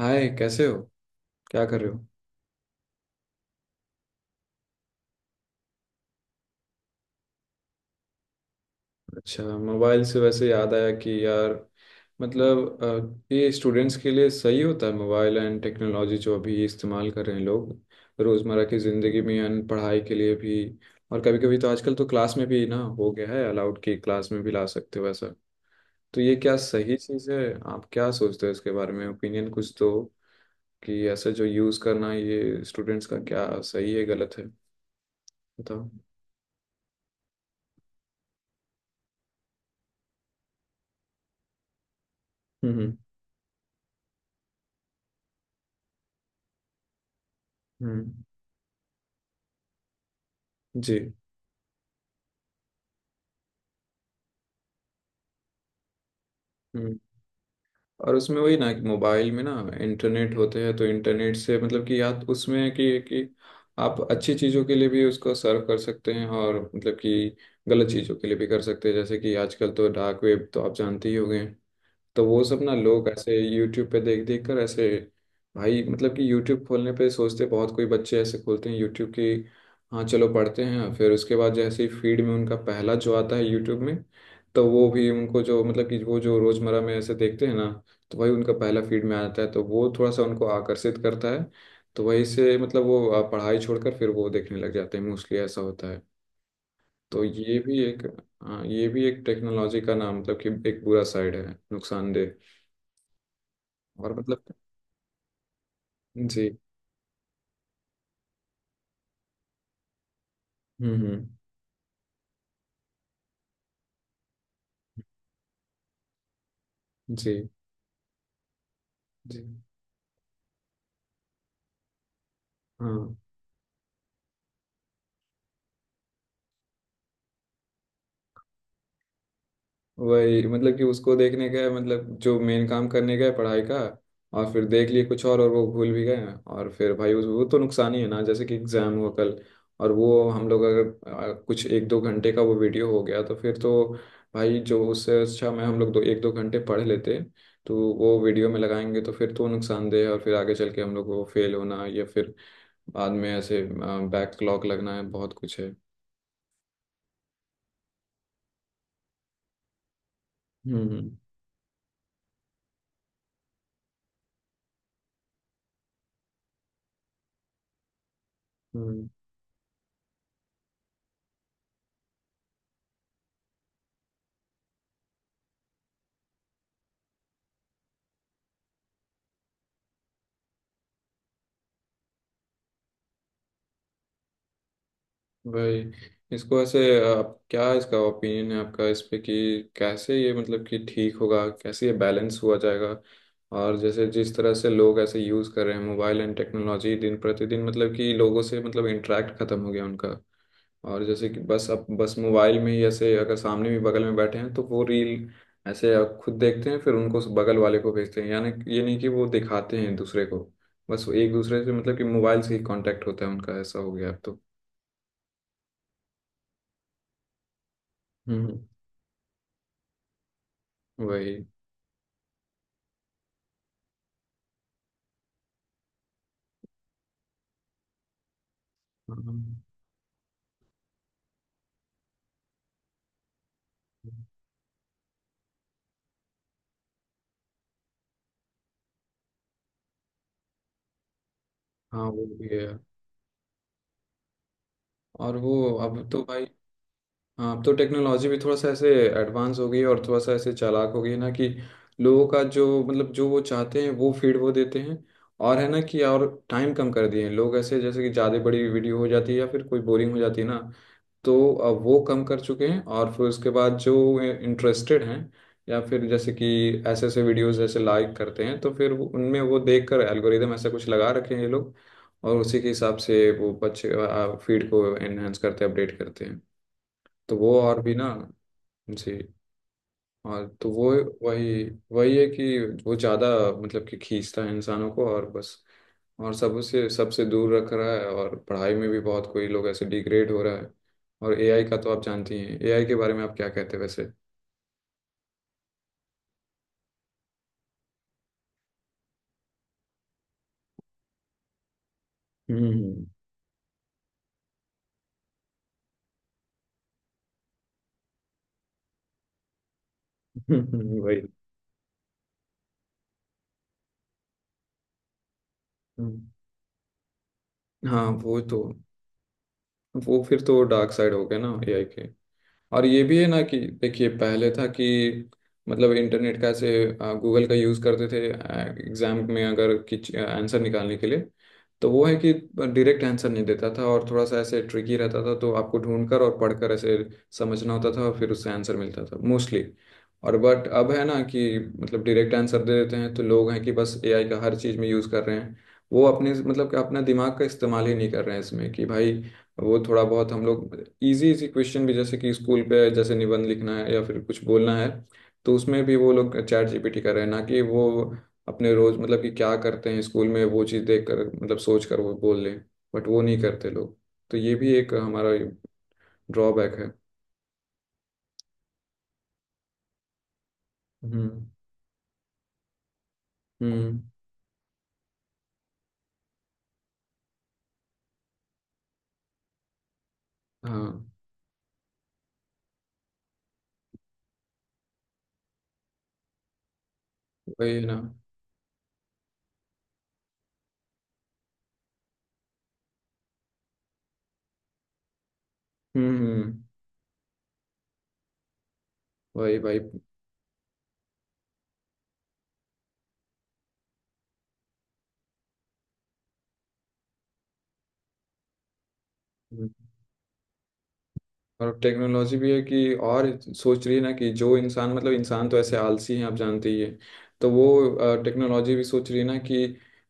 हाय। कैसे हो। क्या कर रहे हो। अच्छा, मोबाइल से वैसे याद आया कि यार। मतलब ये स्टूडेंट्स के लिए सही होता है मोबाइल एंड टेक्नोलॉजी जो अभी इस्तेमाल कर रहे हैं लोग, रोज़मर्रा की ज़िंदगी में एंड पढ़ाई के लिए भी। और कभी कभी तो आजकल तो क्लास में भी ना हो गया है अलाउड, कि क्लास में भी ला सकते हो ऐसा। तो ये क्या सही चीज़ है। आप क्या सोचते हो इसके बारे में, ओपिनियन कुछ दो कि ऐसा जो यूज़ करना ये स्टूडेंट्स का क्या सही है गलत है, बताओ। हम्म। हम्म। हम्म, जी। और उसमें वही ना कि मोबाइल में ना, इंटरनेट होते हैं तो इंटरनेट से मतलब कि याद उसमें है कि आप अच्छी चीज़ों के लिए भी उसको सर्व कर सकते हैं, और मतलब कि गलत चीज़ों के लिए भी कर सकते हैं। जैसे कि आजकल तो डार्क वेब तो आप जानते ही होंगे। तो वो सब ना लोग ऐसे यूट्यूब पे देख देख कर ऐसे भाई, मतलब कि यूट्यूब खोलने पे सोचते बहुत, कोई बच्चे ऐसे खोलते हैं यूट्यूब की हाँ चलो पढ़ते हैं, फिर उसके बाद जैसे ही फीड में उनका पहला जो आता है यूट्यूब में, तो वो भी उनको जो मतलब कि वो जो रोजमर्रा में ऐसे देखते हैं ना, तो भाई उनका पहला फीड में आता है तो वो थोड़ा सा उनको आकर्षित करता है। तो वहीं से मतलब वो पढ़ाई छोड़कर फिर वो देखने लग जाते हैं, मोस्टली ऐसा होता है। तो ये भी एक। हाँ, ये भी एक टेक्नोलॉजी का ना, मतलब कि एक बुरा साइड है, नुकसानदेह। और मतलब। जी। हम्म। हम्म। जी। जी। हाँ। वही, मतलब कि उसको देखने गए, मतलब जो मेन काम करने गए पढ़ाई का, और फिर देख लिए कुछ और वो भूल भी गए, और फिर भाई उस वो तो नुकसान ही है ना। जैसे कि एग्जाम हुआ कल और वो हम लोग अगर कुछ एक दो घंटे का वो वीडियो हो गया, तो फिर तो भाई जो उससे अच्छा मैं हम लोग दो एक दो घंटे पढ़ लेते। तो वो वीडियो में लगाएंगे तो फिर तो नुकसानदेह है, और फिर आगे चल के हम लोग को फेल होना या फिर बाद में ऐसे बैकलॉग लगना है, बहुत कुछ है। हम्म। हम्म। भाई इसको ऐसे, आप क्या इसका ओपिनियन है आपका इस पे, कि कैसे ये मतलब कि ठीक होगा, कैसे ये बैलेंस हुआ जाएगा। और जैसे जिस तरह से लोग ऐसे यूज़ कर रहे हैं मोबाइल एंड टेक्नोलॉजी दिन प्रतिदिन, मतलब कि लोगों से मतलब इंटरेक्ट खत्म हो गया उनका। और जैसे कि बस अब बस मोबाइल में ही ऐसे, अगर सामने भी बगल में बैठे हैं तो वो रील ऐसे आप खुद देखते हैं, फिर उनको उस बगल वाले को भेजते हैं, यानी कि- ये नहीं कि वो दिखाते हैं दूसरे को। बस वो एक दूसरे से मतलब कि मोबाइल से ही कांटेक्ट होता है उनका, ऐसा हो गया अब तो। हम्म। वही। हाँ। हाँ, वो भी है। और वो अब तो भाई। हाँ, अब तो टेक्नोलॉजी भी थोड़ा सा ऐसे एडवांस हो गई है, और थोड़ा सा ऐसे चालाक हो गई है ना, कि लोगों का जो मतलब जो वो चाहते हैं वो फीड वो देते हैं। और है ना कि और टाइम कम कर दिए हैं लोग ऐसे, जैसे कि ज़्यादा बड़ी वीडियो हो जाती है या फिर कोई बोरिंग हो जाती है ना, तो वो कम कर चुके हैं, और फिर उसके बाद जो इंटरेस्टेड हैं या फिर जैसे कि ऐसे ऐसे वीडियोस जैसे लाइक करते हैं, तो फिर उनमें वो देखकर एल्गोरिदम ऐसा कुछ लगा रखे हैं ये लोग, और उसी के हिसाब से वो बच्चे फीड को एनहेंस करते हैं, अपडेट करते हैं, तो वो और भी ना। जी। और तो वो। वही। वही है कि वो ज़्यादा मतलब कि खींचता है इंसानों को और बस, और सबसे सबसे दूर रख रहा है, और पढ़ाई में भी बहुत कोई लोग ऐसे डिग्रेड हो रहा है। और एआई का तो आप जानती हैं, एआई के बारे में आप क्या कहते हैं वैसे। हम्म। वही। हम्म। हाँ वो तो। वो फिर तो डार्क साइड हो गया ना एआई के। और ये भी है ना कि देखिए पहले था कि मतलब इंटरनेट का ऐसे गूगल का यूज़ करते थे, एग्जाम में अगर किच आंसर निकालने के लिए, तो वो है कि डायरेक्ट आंसर नहीं देता था, और थोड़ा सा ऐसे ट्रिकी रहता था, तो आपको ढूंढकर और पढ़कर ऐसे समझना होता था, और फिर उससे आंसर मिलता था मोस्टली। और बट अब है ना कि मतलब डायरेक्ट आंसर दे देते हैं, तो लोग हैं कि बस एआई का हर चीज़ में यूज़ कर रहे हैं। वो अपने मतलब कि अपना दिमाग का इस्तेमाल ही नहीं कर रहे हैं इसमें, कि भाई वो थोड़ा बहुत हम लोग इजी इजी क्वेश्चन भी, जैसे कि स्कूल पे जैसे निबंध लिखना है या फिर कुछ बोलना है, तो उसमें भी वो लोग चैट जीपीटी कर रहे हैं, ना कि वो अपने रोज मतलब कि क्या करते हैं स्कूल में वो चीज़ देख कर मतलब सोच कर वो बोल लें, बट वो नहीं करते लोग। तो ये भी एक हमारा ड्रॉबैक है। हम्म। हम्म। हाँ, वही ना। हम्म, वही भाई। और टेक्नोलॉजी भी है कि और सोच रही है ना कि जो इंसान मतलब इंसान तो ऐसे आलसी हैं, आप जानते ही हैं, तो वो टेक्नोलॉजी भी सोच रही है ना, कि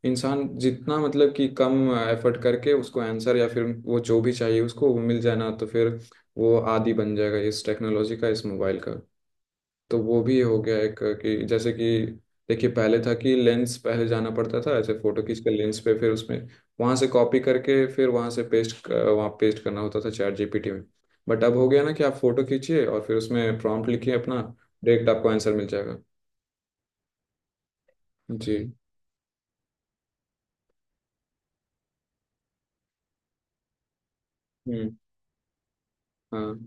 इंसान जितना मतलब कि कम एफर्ट करके उसको आंसर या फिर वो जो भी चाहिए उसको वो मिल जाए ना, तो फिर वो आदी बन जाएगा इस टेक्नोलॉजी का, इस मोबाइल का। तो वो भी हो गया एक, कि जैसे कि देखिए पहले था कि लेंस पहले जाना पड़ता था, ऐसे फोटो खींच के लेंस पे, फिर उसमें वहां से कॉपी करके फिर वहां से पेस्ट, वहां पेस्ट करना होता था चैट जीपीटी में। बट अब हो गया ना कि आप फोटो खींचिए और फिर उसमें प्रॉम्प्ट लिखिए अपना, डायरेक्ट आपको आंसर मिल जाएगा। जी। हम्म। हाँ।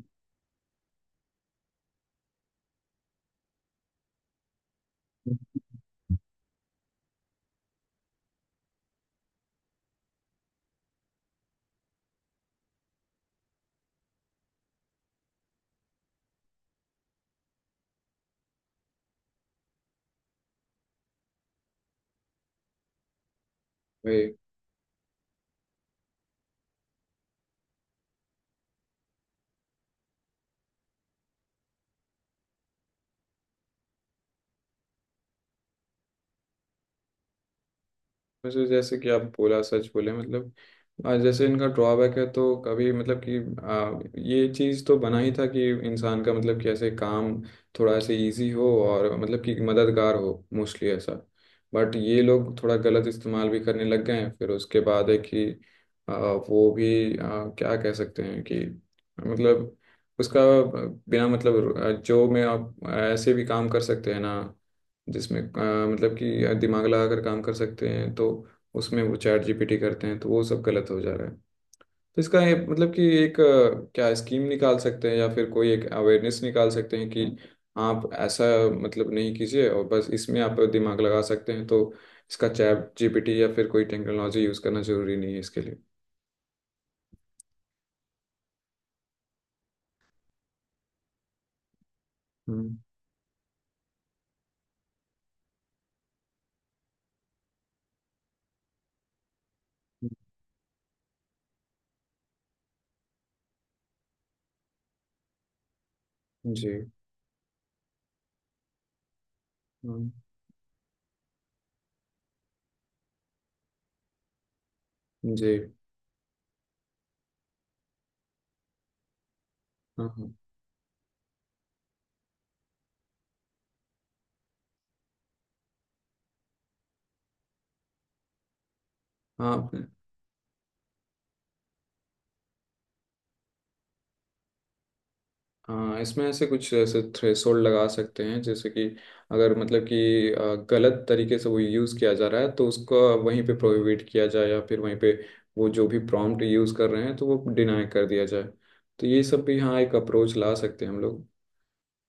वही। वैसे जैसे कि आप बोला सच बोले मतलब, जैसे इनका ड्रॉबैक है तो कभी मतलब कि ये चीज़ तो बना ही था कि इंसान का मतलब कि ऐसे काम थोड़ा ऐसे इजी हो और मतलब कि मददगार हो, मोस्टली ऐसा। बट ये लोग थोड़ा गलत इस्तेमाल भी करने लग गए हैं, फिर उसके बाद है कि आ, वो भी क्या कह सकते हैं कि मतलब उसका, बिना मतलब जो में आप ऐसे भी काम कर सकते हैं ना, जिसमें मतलब कि दिमाग लगा कर काम कर सकते हैं, तो उसमें वो चैट जीपीटी करते हैं, तो वो सब गलत हो जा रहा है। तो इसका ये मतलब कि एक क्या स्कीम निकाल सकते हैं या फिर कोई एक अवेयरनेस निकाल सकते हैं, कि आप ऐसा मतलब नहीं कीजिए और बस इसमें आप दिमाग लगा सकते हैं, तो इसका चैट जीपीटी या फिर कोई टेक्नोलॉजी यूज़ करना ज़रूरी नहीं है इसके लिए। हम्म। हम्म, जी। हम्म। जी। हाँ। हाँ। हाँ। हाँ, इसमें ऐसे कुछ ऐसे थ्रेशोल्ड लगा सकते हैं, जैसे कि अगर मतलब कि गलत तरीके से वो यूज़ किया जा रहा है तो उसको वहीं पे प्रोहिबिट किया जाए, या फिर वहीं पे वो जो भी प्रॉम्प्ट यूज़ कर रहे हैं तो वो डिनाई कर दिया जाए। तो ये सब भी हाँ एक अप्रोच ला सकते हैं हम लोग।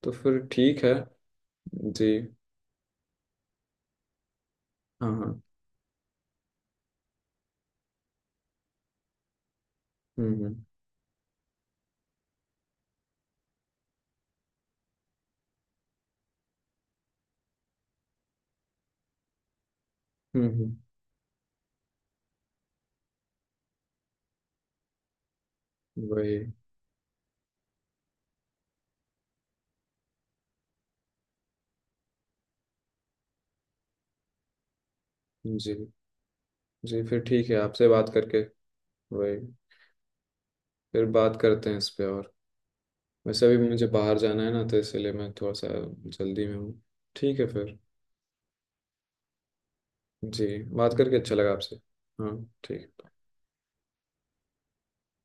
तो फिर ठीक है। जी। हाँ। हाँ। हम्म। हम्म। हम्म। वही। जी। जी, फिर ठीक है आपसे बात करके। वही। फिर बात करते हैं इस पे और। वैसे अभी मुझे बाहर जाना है ना, तो इसलिए मैं थोड़ा सा जल्दी में हूँ। ठीक है फिर। जी। बात करके अच्छा लगा आपसे। हाँ। ठीक